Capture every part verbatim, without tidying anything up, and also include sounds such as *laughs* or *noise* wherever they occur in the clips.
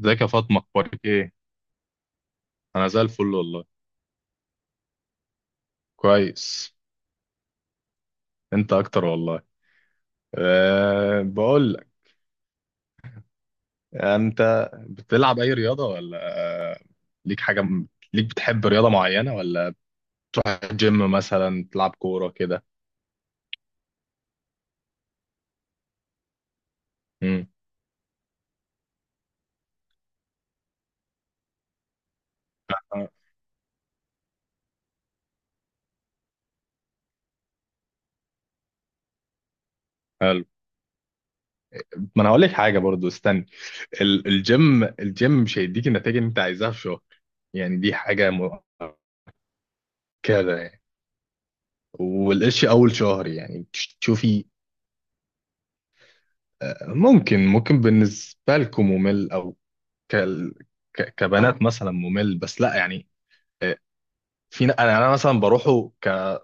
ازيك يا فاطمة، اخبارك ايه؟ انا زي الفل والله. كويس. انت اكتر والله. أه، بقول لك، انت بتلعب اي رياضة ولا ليك حاجة م- ليك بتحب رياضة معينة، ولا جيم مثلا، تلعب كورة كده؟ امم. آه، حلو. ما انا هقول لك حاجة برضو، استني. ال- الجيم الجيم مش هيديك النتائج اللي انت عايزاها في شهر، يعني دي حاجة مؤكدة يعني. والقش اول شهر يعني تش- تشوفي. آه، ممكن ممكن بالنسبة لكم ممل، او ك... ك... كبنات مثلا ممل، بس لا يعني. آه، في ن- انا انا مثلا بروحه، ك...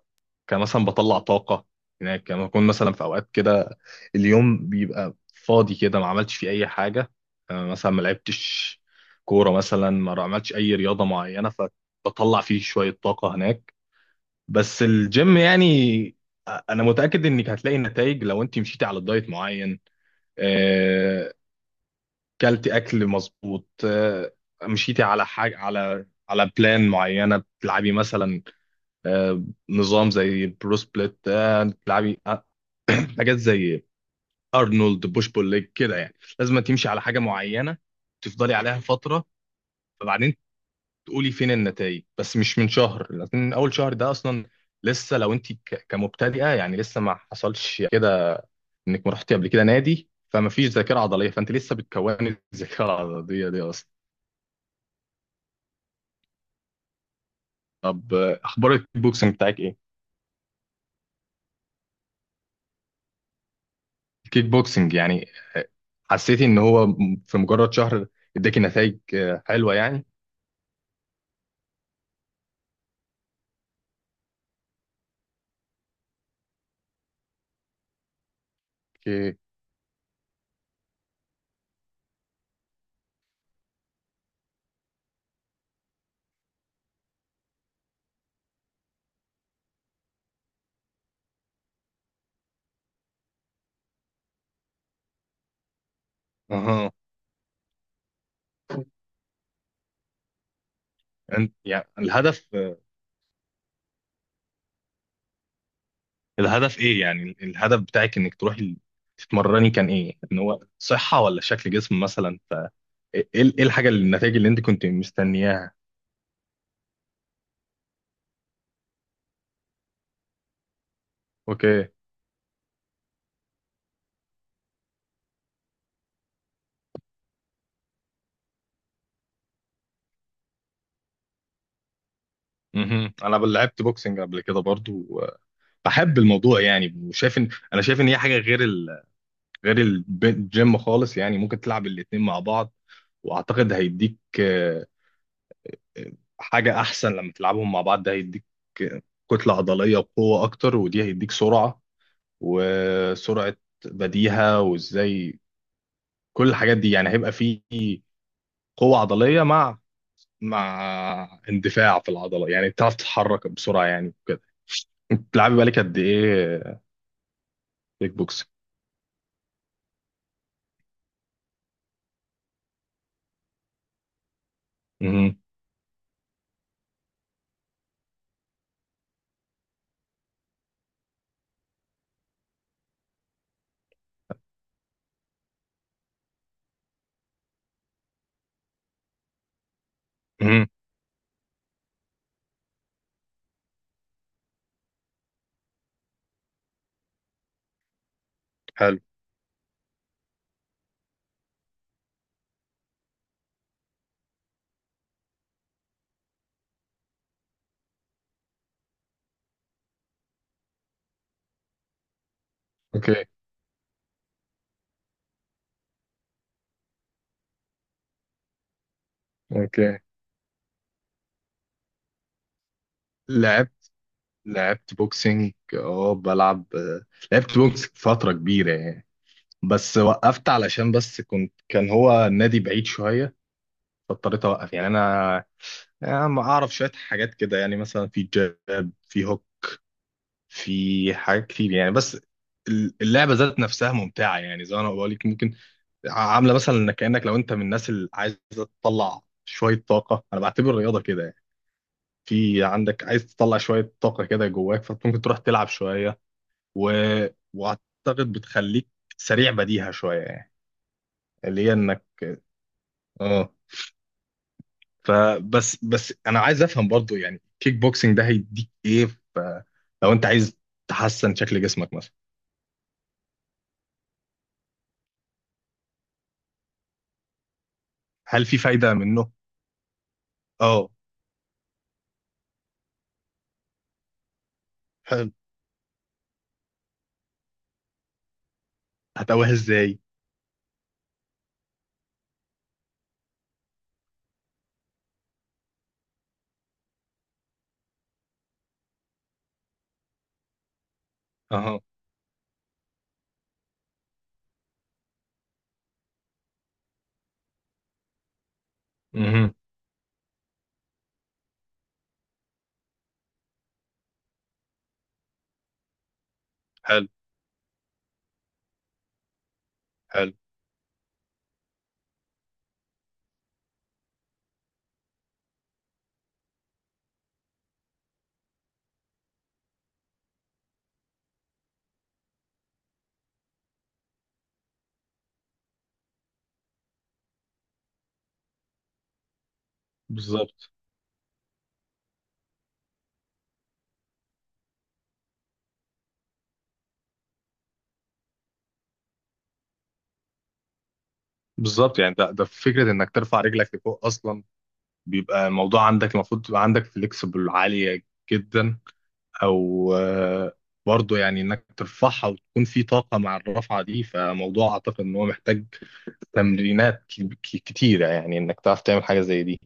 كمثلا بطلع طاقه هناك. يعني لما اكون مثلا في اوقات كده اليوم بيبقى فاضي كده، ما عملتش فيه اي حاجه. آه، مثلا ما لعبتش كوره، مثلا ما عملتش اي رياضه معينه، فبطلع فيه شويه طاقه هناك. بس الجيم يعني، آه، انا متاكد انك هتلاقي نتائج لو انت مشيتي على الدايت معين، آه، كلتي اكل مظبوط، آه، مشيتي على حاجه، على على بلان معينه، بتلعبي مثلا آه، نظام زي البرو سبليت، آه، بتلعبي آه، *clears throat* حاجات زي ارنولد بوش بول ليج كده، يعني لازم تمشي على حاجه معينه، تفضلي عليها فتره، فبعدين تقولي فين النتائج. بس مش من شهر، لكن اول شهر ده اصلا لسه، لو انت ك- كمبتدئه يعني لسه ما حصلش كده انك ما رحتي قبل كده نادي، فما فيش ذاكره عضليه، فانت لسه بتكوني *laughs* الذاكره العضليه دي اصلا. طب آه، اخبار الكيك بوكسنج بتاعك ايه؟ الكيك بوكسنج يعني، حسيتي ان هو م- في مجرد شهر اداكي نتائج آه، حلوه يعني؟ اوكي. اها. انت يعني الهدف، آه، الهدف ايه يعني؟ ال- الهدف بتاعك انك تروحي ال- تتمرني كان ايه؟ ان هو صحه ولا شكل جسم مثلا؟ ايه إيه الحاجه اللي، النتائج اللي انت كنت مستنياها؟ اوكي. مهم. انا بل- لعبت بوكسنج قبل كده برضو، آه، بحب الموضوع يعني، وشايف ان انا شايف ان هي حاجه غير ال... غير الب- الجيم خالص، يعني ممكن تلعب الاتنين مع بعض. واعتقد هيديك آه، حاجه احسن لما تلعبهم مع بعض، ده هيديك كتله عضليه وقوه اكتر، ودي هيديك سرعه، وسرعه بديهه، وازاي، كل الحاجات دي يعني. هيبقى فيه قوه عضليه مع مع اندفاع في العضله، يعني بتعرف تتحرك بسرعه يعني كده. انت بتلعبي بالك قد ايه كيك بوكسنج؟ مهم. مهم. حلو. اوكي. اوكي. لعبت لعبت بوكسنج، اه بلعب، آه، لعبت بوكسنج فتره كبيره يعني. بس وقفت علشان بس كنت كان هو النادي بعيد شوية، فاضطريت أوقف يعني. أنا يعني ما أعرف شوية حاجات كده يعني، مثلا في جاب، في هوك، في حاجات كتير يعني. بس اللعبة ذات نفسها ممتعة، يعني زي ما أنا بقول لك، ممكن عاملة مثلا إنك كأنك لو أنت من الناس اللي عايزة تطلع شوية طاقة. أنا بعتبر الرياضة كده يعني، في عندك، عايز تطلع شوية طاقة كده جواك، فممكن تروح تلعب شوية. و... وأعتقد بتخليك سريع بديهة شوية يعني، اللي هي إنك، اه، فبس بس انا عايز افهم برضو، يعني كيك بوكسنج ده هيديك ايه؟ ف- لو انت عايز تحسن شكل جسمك مثلا، هل في فايدة منه؟ اه. حلو. هتقويها ازاي؟ اها. مهم. حلو. حلو. بالظبط. بالظبط يعني ده ده فكرة انك ترفع رجلك لفوق اصلا. بيبقى الموضوع عندك المفروض تبقى عندك فليكسبل عالية جدا، او آه، برضو يعني انك ترفعها وتكون في طاقة مع الرفعة دي. فموضوع اعتقد ان هو محتاج تمرينات ك- ك- كتيرة، يعني انك تعرف تعمل حاجة زي دي.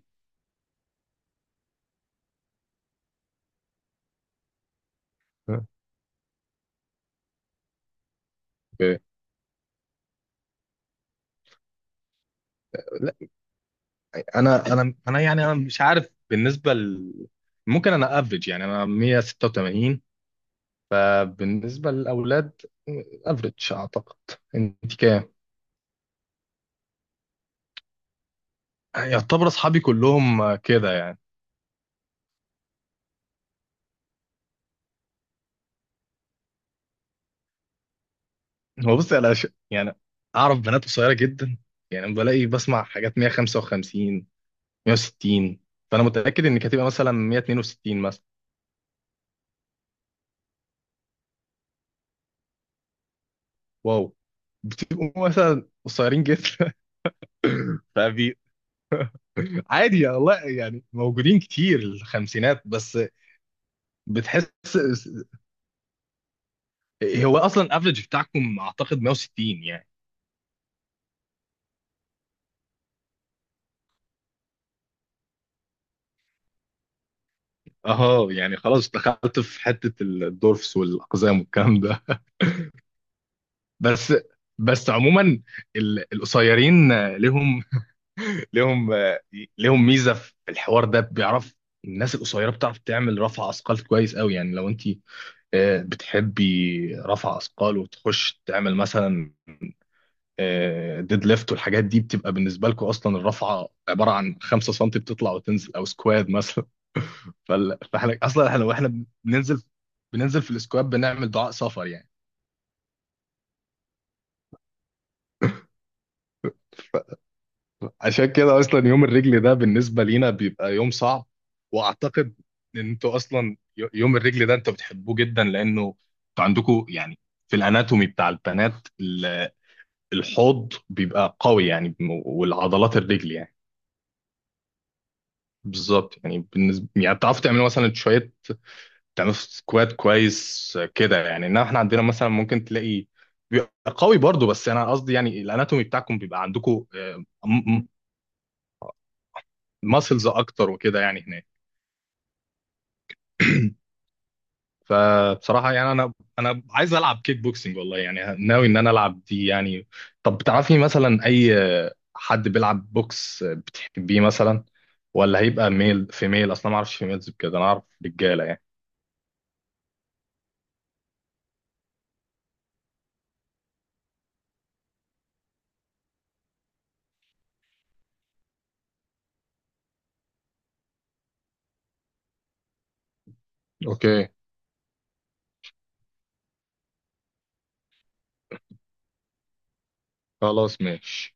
ب- لا، انا انا انا يعني انا مش عارف بالنسبة ل... ممكن انا افريج يعني، انا مية وستة وتمانين بالنسبة للاولاد افريج اعتقد. انت كام؟ يعتبر اصحابي كلهم آه، كده يعني. هو بص انا ش... يعني اعرف بنات قصيرة جدا، يعني بلاقي بسمع حاجات مية وخمسة وخمسين، مية وستين. فانا متأكد انك هتبقى مثلا مية واتنين وستين مثلا. واو. بتبقوا مثلا قصيرين جدا. فبي. عادي يا والله، يعني موجودين كتير الخمسينات، بس بتحس. هو اصلا افريج بتاعكم اعتقد مية وستين يعني. اه يعني خلاص، دخلت في حته الدورفس والاقزام والكلام ده. بس، بس عموما ال- القصيرين لهم لهم لهم ميزه في الحوار ده، بيعرف، الناس القصيره بتعرف تعمل رفع اثقال كويس قوي. يعني لو انت آه، بتحبي رفع اثقال، وتخش تعمل مثلا ديد ليفت والحاجات دي، بتبقى بالنسبه لكم اصلا الرفعه عباره عن خمسة سم، بتطلع وتنزل، او سكواد مثلا. *laughs* فال- فاحنا اصلا احنا، واحنا بننزل بننزل في السكواد بنعمل دعاء سفر يعني. عشان كده اصلا يوم الرجل ده بالنسبه لينا بيبقى يوم صعب. واعتقد ان انتوا اصلا، ي- يوم الرجل ده انتوا بتحبوه جدا، لانه انتوا عندكم يعني في الاناتومي بتاع البنات، ال- الحوض بيبقى قوي يعني، والعضلات الرجل يعني بالظبط. يعني بالنسبه، يعني بتعرفوا تعملوا مثلا شويه، تعملوا سكواد كويس كده يعني. انما احنا عندنا مثلا ممكن تلاقي بيبقى قوي برضو. بس انا قصدي يعني الاناتومي بتاعكم بيبقى عندكم ماسلز اكتر وكده يعني هناك. فبصراحه يعني انا، انا عايز العب كيك بوكسنج والله، يعني ناوي ان انا العب دي يعني. طب بتعرفي مثلا اي حد بيلعب بوكس بتحبيه مثلا؟ ولا هيبقى ميل فيميل اصلا، ما اعرفش فيميلز بكده، انا اعرف رجاله يعني. اوكي. خلاص، ماشي.